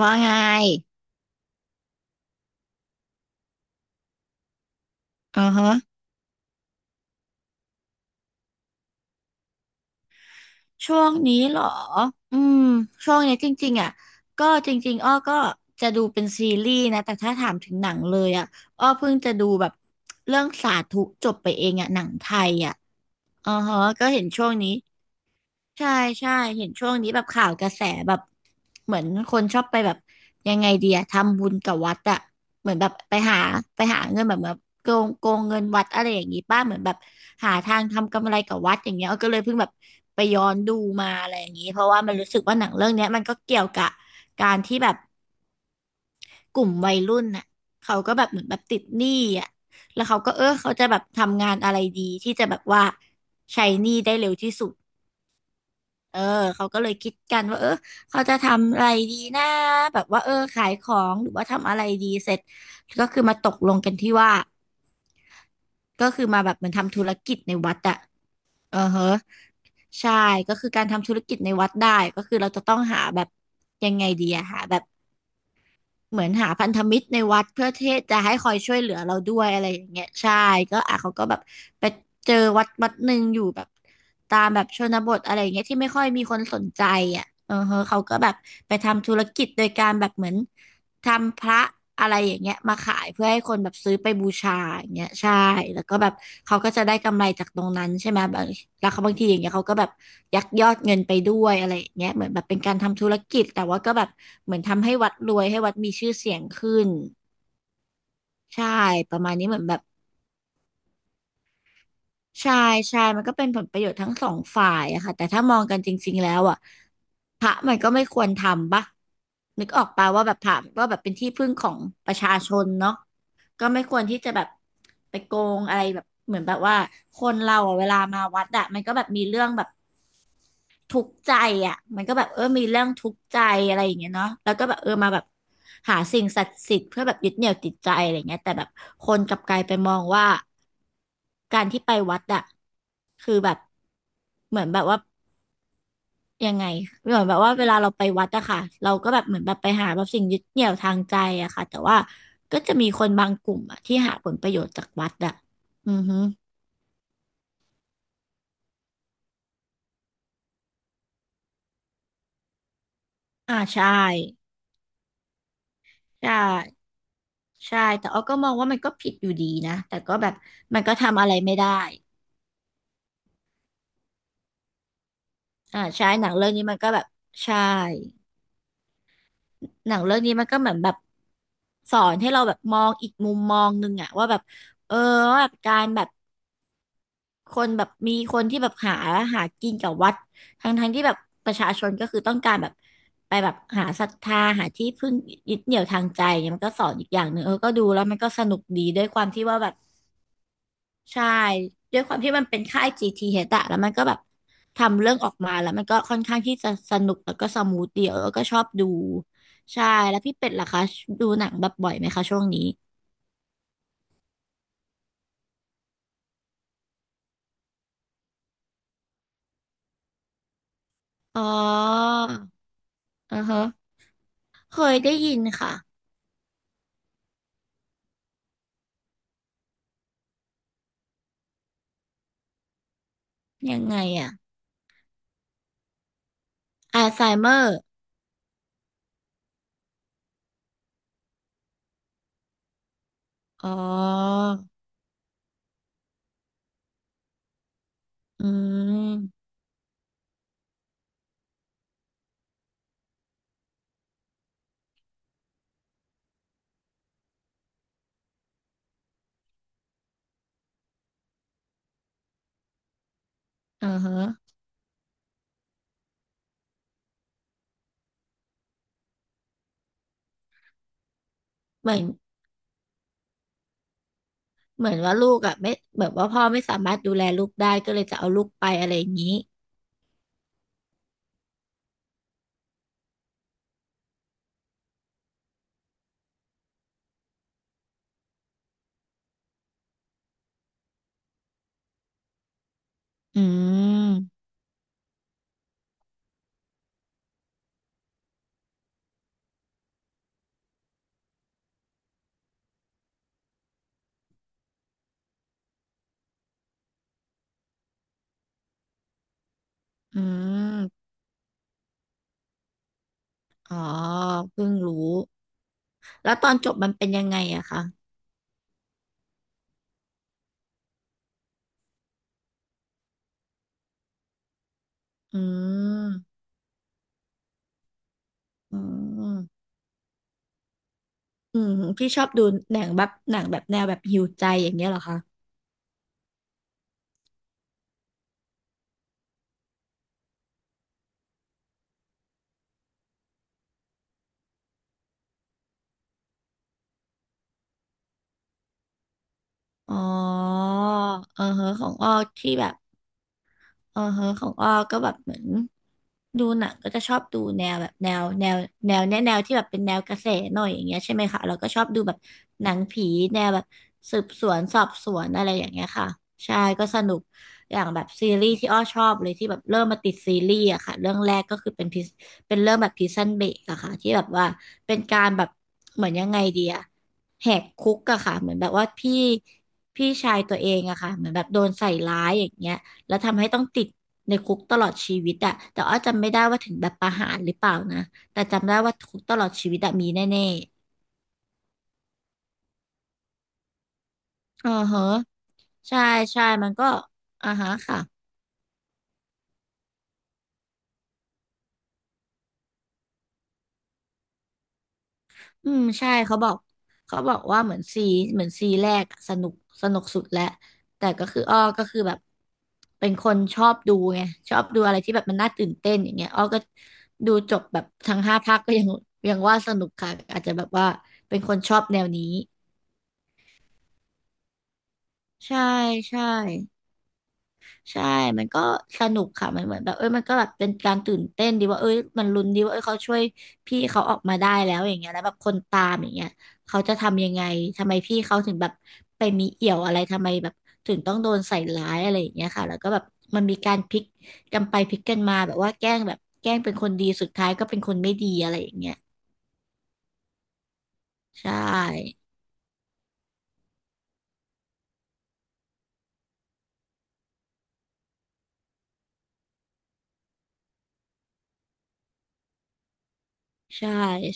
ว่าไงอือฮะช่วงนี้เหรอ อืมช่วงเนี้ยจริงๆอ่ะ ก็จริงๆอ้อก็จะดูเป็นซีรีส์นะ แต่ถ้าถามถึงหนังเลยอ่ะอ้อเพิ่งจะดูแบบเรื่องสาธุจบไปเองอ่ะหนังไทยอ่ะอือฮะก็เห็นช่วงนี้ ใช่ใช่เห็นช่วงนี้แบบข่าวกระแสแบบเหมือนคนชอบไปแบบยังไงดีอะทำบุญกับวัดอะเหมือนแบบไปหาไปหาเงินแบบแบบโกงเงินวัดอะไรอย่างงี้ป้าเหมือนแบบหาทางทำกำไรกับวัดอย่างเงี้ยก็เลยเพิ่งแบบไปย้อนดูมาอะไรอย่างงี้เพราะว่ามันรู้สึกว่าหนังเรื่องเนี้ยมันก็เกี่ยวกับการที่แบบกลุ่มวัยรุ่นน่ะเขาก็แบบเหมือนแบบติดหนี้อะแล้วเขาก็เออเขาจะแบบทำงานอะไรดีที่จะแบบว่าใช้หนี้ได้เร็วที่สุด เออเขาก็เลยคิดกันว่าเออเขาจะทำอะไรดีนะแบบว่าเออขายของหรือว่าทำอะไรดีเสร็จก็คือมาตกลงกันที่ว่าก็คือมาแบบเหมือนทำธุรกิจในวัดอะเออเฮะใช่ก็คือการทำธุรกิจในวัดได้ก็คือเราจะต้องหาแบบยังไงดีอะหาแบบ เหมือนหาพันธมิตรในวัดเพื่อที่จะให้คอยช่วยเหลือเราด้วยอะไรอย่างเงี้ยใช่ก็อ่ะเขาก็แบบไปเจอวัดหนึ่งอยู่แบบตามแบบชนบทอะไรอย่างเงี้ยที่ไม่ค่อยมีคนสนใจอ่ะเออเฮอเขาก็แบบไปทำธุรกิจโดยการแบบเหมือน ทำพระอะไรอย่างเงี้ยมาขายเพื่อให้คนแบบซื้อไปบูชาอย่างเงี้ยใช่แล้วก็แบบเขาก็จะได้กำไรจากตรงนั้นใช่ไหมบางแล้วเขาบางทีอย่างเงี้ยเขาก็แบบยักยอดเงินไปด้วยอะไรอย่างเงี้ยเหมือนแบบเป็นการทำธุรกิจแต่ว่าก็แบบเหมือนทำให้วัดรวยให้วัดมีชื่อเสียงขึ้นใช่ประมาณนี้เหมือนแบบใช่ใช่มันก็เป็นผลประโยชน์ทั้งสองฝ่ายอะค่ะแต่ถ้ามองกันจริงๆแล้วอะพระมันก็ไม่ควรทำปะนึกออกปะว่าแบบพระก็แบบเป็นที่พึ่งของประชาชนเนาะ ก็ไม่ควรที่จะแบบไปโกงอะไรแบบเหมือนแบบว่าคนเราอะเวลามาวัดอะมันก็แบบมีเรื่องแบบทุกข์ใจอะมันก็แบบเออมีเรื่องทุกข์ใจอะไรอย่างเงี้ยเนาะแล้วก็แบบเออมาแบบหาสิ่งศักดิ์สิทธิ์เพื่อแบบยึดเหนี่ยวจิตใจอะไรเงี้ยแต่แบบคนกลับกลายไปมองว่าการที่ไปวัดอะคือแบบเหมือนแบบว่า ยังไงเหมือนแบบว่าเวลาเราไปวัดอะค่ะเราก็แบบเหมือนแบบไปหาแบบสิ่งยึดเหนี่ยวทางใจอะค่ะแต่ว่าก็จะมีคนบางกลุ่มอะที่หาผลประโยชน์จากวัดอะอือฮึอ่าใช่ใช่ใช่แต่อ้อก็มองว่ามันก็ผิดอยู่ดีนะแต่ก็แบบมันก็ทำอะไรไม่ได้อ่าใช่หนังเรื่องนี้มันก็แบบใช่หนังเรื่องนี้มันก็เหมือนแบบสอนให้เราแบบมองอีกมุมมองหนึงอะว่าแบบเออว่าแบบการแบบ คนแบบมีคนที่แบบหากินกับวัดทั้งที่แบบประชาชนก็คือต้องการแบบไปแบบหาศรัทธาหาที่พึ่งยึดเหนี่ยวทางใจเนี่ยมันก็สอนอีกอย่างหนึ่งเออก็ดูแล้วมันก็สนุกดีด้วยความที่ว่าแบบใช่ด้วยความที่มันเป็นค่าย GTH อชอะแล้วมันก็แบบทำเรื่องออกมาแล้วมันก็ค่อนข้างที่จะสนุกแล้วก็สมูทดีเออก็ชอบดูใช่แล้วพี่เป็ดล่ะคะดูหนังแบบบ่อยไหมคะช่วงนี้อ๋ออือฮะเคยได้ยินค่ะยังไงอ่ะ อัลไซเมอร์อ๋ออืมอ่าฮะเหมือนเหมือนว่าลูกอ่ะไม่แบบว่าพ่อไม่สามารถดูแลลูกได้ก็เลยจะเอาลูกไปอะไรอย่างนี้ อืม อืม อ๋อเพิ่งรู้ แล้วตอนจบมันเป็นยังไงอะคะอืมอืมอืม พี่ชอบดูหนังแบบหนังแบบแนวแบบหิวใจอย่างเงี้ยเหรอคะ อ๋อเออฮะของอ้อที่แบบ เอือเฮอของอ้อก็แบบเหมือนดูหนังก็จะชอบดูแนวแบบแนวที่แบบเป็นแนวกระแสหน่อยอย่างเงี้ยใช่ไหมคะเราก็ชอบดูแบบหนังผีแนวแบบสืบสวนสอบสวนอะไรอย่างเงี้ยค่ะใช่ก็สนุกอย่างแบบซีรีส์ที่อ้อชอบเลยที่แบบเริ่มมาติดซีรีส์อะค่ะเรื่องแรกก็คือเป็นพิเป็นเรื่องแบบพ i ซันเบรกอะค่ะที่แบบว่าเป็นการแบบเหมือนยังไงดีอะแหกคุกอะค่ะเหมือนแบบว่าพี่ชายตัวเองอะค่ะเหมือนแบบโดนใส่ร้ายอย่างเงี้ย แล้วทำให้ต้องติดในคุกตลอดชีวิตอะแต่อ้อจำไม่ได้ว่าถึงแบบประหารหรือเปล่านะแต่จำได้ว่าคุกตลอดชีวิตอะมีแน่ๆอ่าฮะใช่ใช่มันก็อ่าฮะค่ะอืมใช่เขาบอกว่าเหมือนซีเหมือนซีแรกอะสนุก สนุกสุดแล้วแต่ก็คืออ้อก็คือแบบเป็นคนชอบดูไงชอบดูอะไรที่แบบมันน่าตื่นเต้นอย่างเงี้ยอ้อก็ดูจบแบบทั้งห้าภาคก็ยังว่าสนุกค่ะอาจจะแบบว่าเป็นคนชอบแนวนี้ใช่ใช่ ใช่มันก็สนุกค่ะมันเหมือนแบบเอ้ยมันก็แบบเป็นการตื่นเต้นดีว่าเอ้ยมันลุ้นดีว่าเอ้ยเขาช่วยพี่เขาออกมาได้แล้วอย่างเงี้ยแล้วแบบคนตามอย่างเงี้ยเขาจะทำยังไงทำไมพี่เขาถึงแบบไปมีเอี่ยวอะไรทำไมแบบถึงต้องโดนใส่ร้ายอะไรอย่างเงี้ยค่ะแล้วก็แบบมันมีการพลิกกันไปพลิกกันมาแบบว่าแกล้งเป็นคนดีสุดท้ายก็เป็นคนไม่ดีอะไรอย่างเงี้ยใช่ ใช่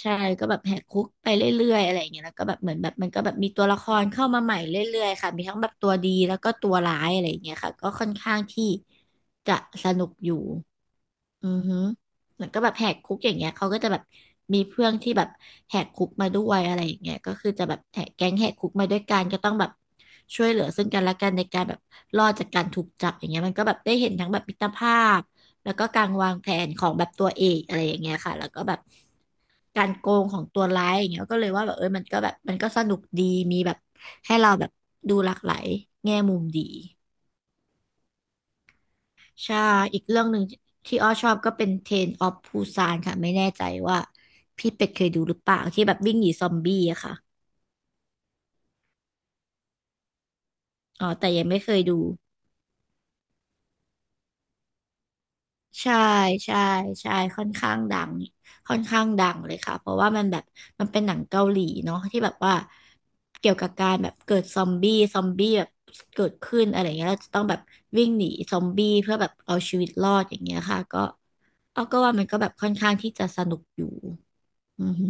ใช่ก็แบบแหกคุกไปเรื่อยๆอะไรอย่างเงี้ยแล้วก็แบบเหมือนแบบมันก็แบบมีตัวละครเข้ามาใหม่เรื่อยๆค่ะ มีทั้งแบบตัวดีแล้วก็ตัวร้ายอะไรอย่างเงี้ยค่ะ ก็ค่อนข้างที่จะสนุกอยู่อือฮึแล้วก็แบบแหกคุกอย่างเงี้ยเขาก็จะแบบมีเพื่อนที่แบบแหกคุกมาด้วยอะไรอย่างเงี้ยก็คือจะแบบแหกแก๊งแหกคุกมาด้วยกันก็ต้องแบบช่วยเหลือซึ่งกันและกันในการแบบรอดจากการถูกจับอย่างเงี้ยมันก็แบบได้เห็นทั้งแบบมิตรภาพแล้วก็การวางแผนของแบบตัวเอกอะไรอย่างเงี้ยค่ะแล้วก็แบบ การโกงของตัวร้ายอย่างเงี้ยก็เลยว่าแบบเออมันก็แบบมันก็สนุกดีมีแบบให้เราแบบดูหลากหลายแง่มุมดีใช่อีกเรื่องหนึ่งที่อ้อชอบก็เป็นเทรนออฟปูซานค่ะไม่แน่ใจว่าพี่เป็ดเคยดูหรือเปล่าที่แบบวิ่งหนีซอมบี้อะค่ะอ๋อแต่ยังไม่เคยดู ใช่ใช่ใช่ค่อนข้างดังค่อนข้างดังเลยค่ะเพราะว่ามันแบบมันเป็นหนังเกาหลีเนาะที่แบบว่าเกี่ยวกับการแบบเกิดซอมบี้แบบเกิดขึ้นอะไรเงี้ยเราจะต้องแบบวิ่งหนีซอมบี้เพื่อแบบเอาชีวิตรอดอย่างเงี้ยค่ะก็เอาก็ว่ามันก็แบบค่อนข้างที่จะสนุกอยู่อือฮึ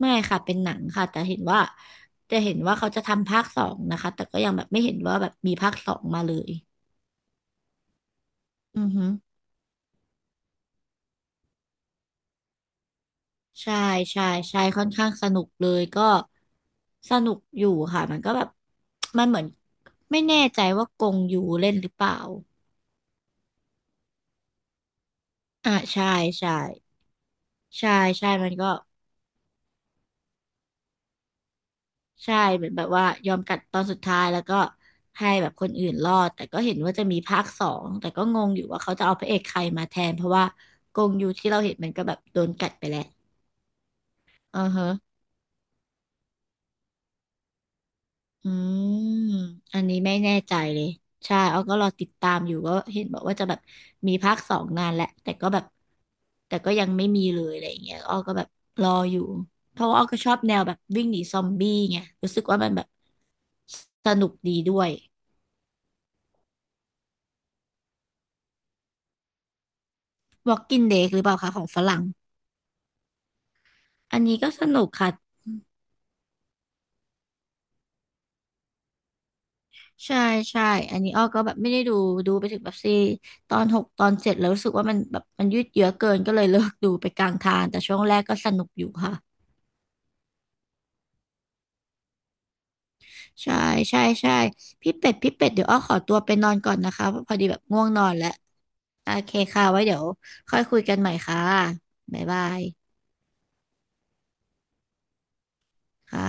ไม่ค่ะเป็นหนังค่ะแต่เห็นว่าจะเห็นว่าเขาจะทำภาคสองนะคะแต่ก็ยังแบบไม่เห็นว่าแบบมีภาคสองมาเลยอือฮึ ใช่ใช่ใช่ค่อนข้างสนุกเลยก็สนุกอยู่ค่ะมันก็แบบมันเหมือนไม่แน่ใจว่ากงยูเล่นหรือเปล่าอ่าใช่ใช่ใช่ใช่มันก็ใช่เหมือนแบบว่ายอมกัดตอนสุดท้ายแล้วก็ให้แบบคนอื่นรอดแต่ก็เห็นว่าจะมีภาคสองแต่ก็งงอยู่ว่าเขาจะเอาพระเอกใครมาแทนเพราะว่ากงยูที่เราเห็นมันก็แบบโดนกัดไปแล้วอือฮะ อืม อันนี้ไม่แน่ใจเลย ใช่เอาก็รอติดตามอยู่ก็เห็นบอกว่าจะแบบมีภาคสองนานแหละ แต่ก็แบบแต่ก็ยังไม่มีเลยอะไรอย่างเงี้ยอ้อก็แบบรออยู่ เพราะว่าอ้อก็ชอบแนวแบบวิ่งหนีซอมบี้ไงรู้สึกว่ามันแบบสนุกดีด้วย Walking Dead หรือเปล่าคะของฝรั่ง อันนี้ก็สนุกค่ะ ใช่ใช่อันนี้อ้อก็แบบไม่ได้ดูดูไปถึงแบบซีตอนหกตอนเจ็ดแล้วรู้สึกว่ามันแบบมันยืดเยื้อเกินก็เลยเลิกดูไปกลางทางแต่ช่วงแรกก็สนุกอยู่ค่ะ ใช่ใช่ใช่พี่เป็ดเดี๋ยวอ้อขอตัวไปนอนก่อนนะคะเพราะพอดีแบบง่วงนอนแล้วโอเคค่ะไว้เดี๋ยวค่อยคุยกันใหม่ค่ะบ๊ายบายค่ะ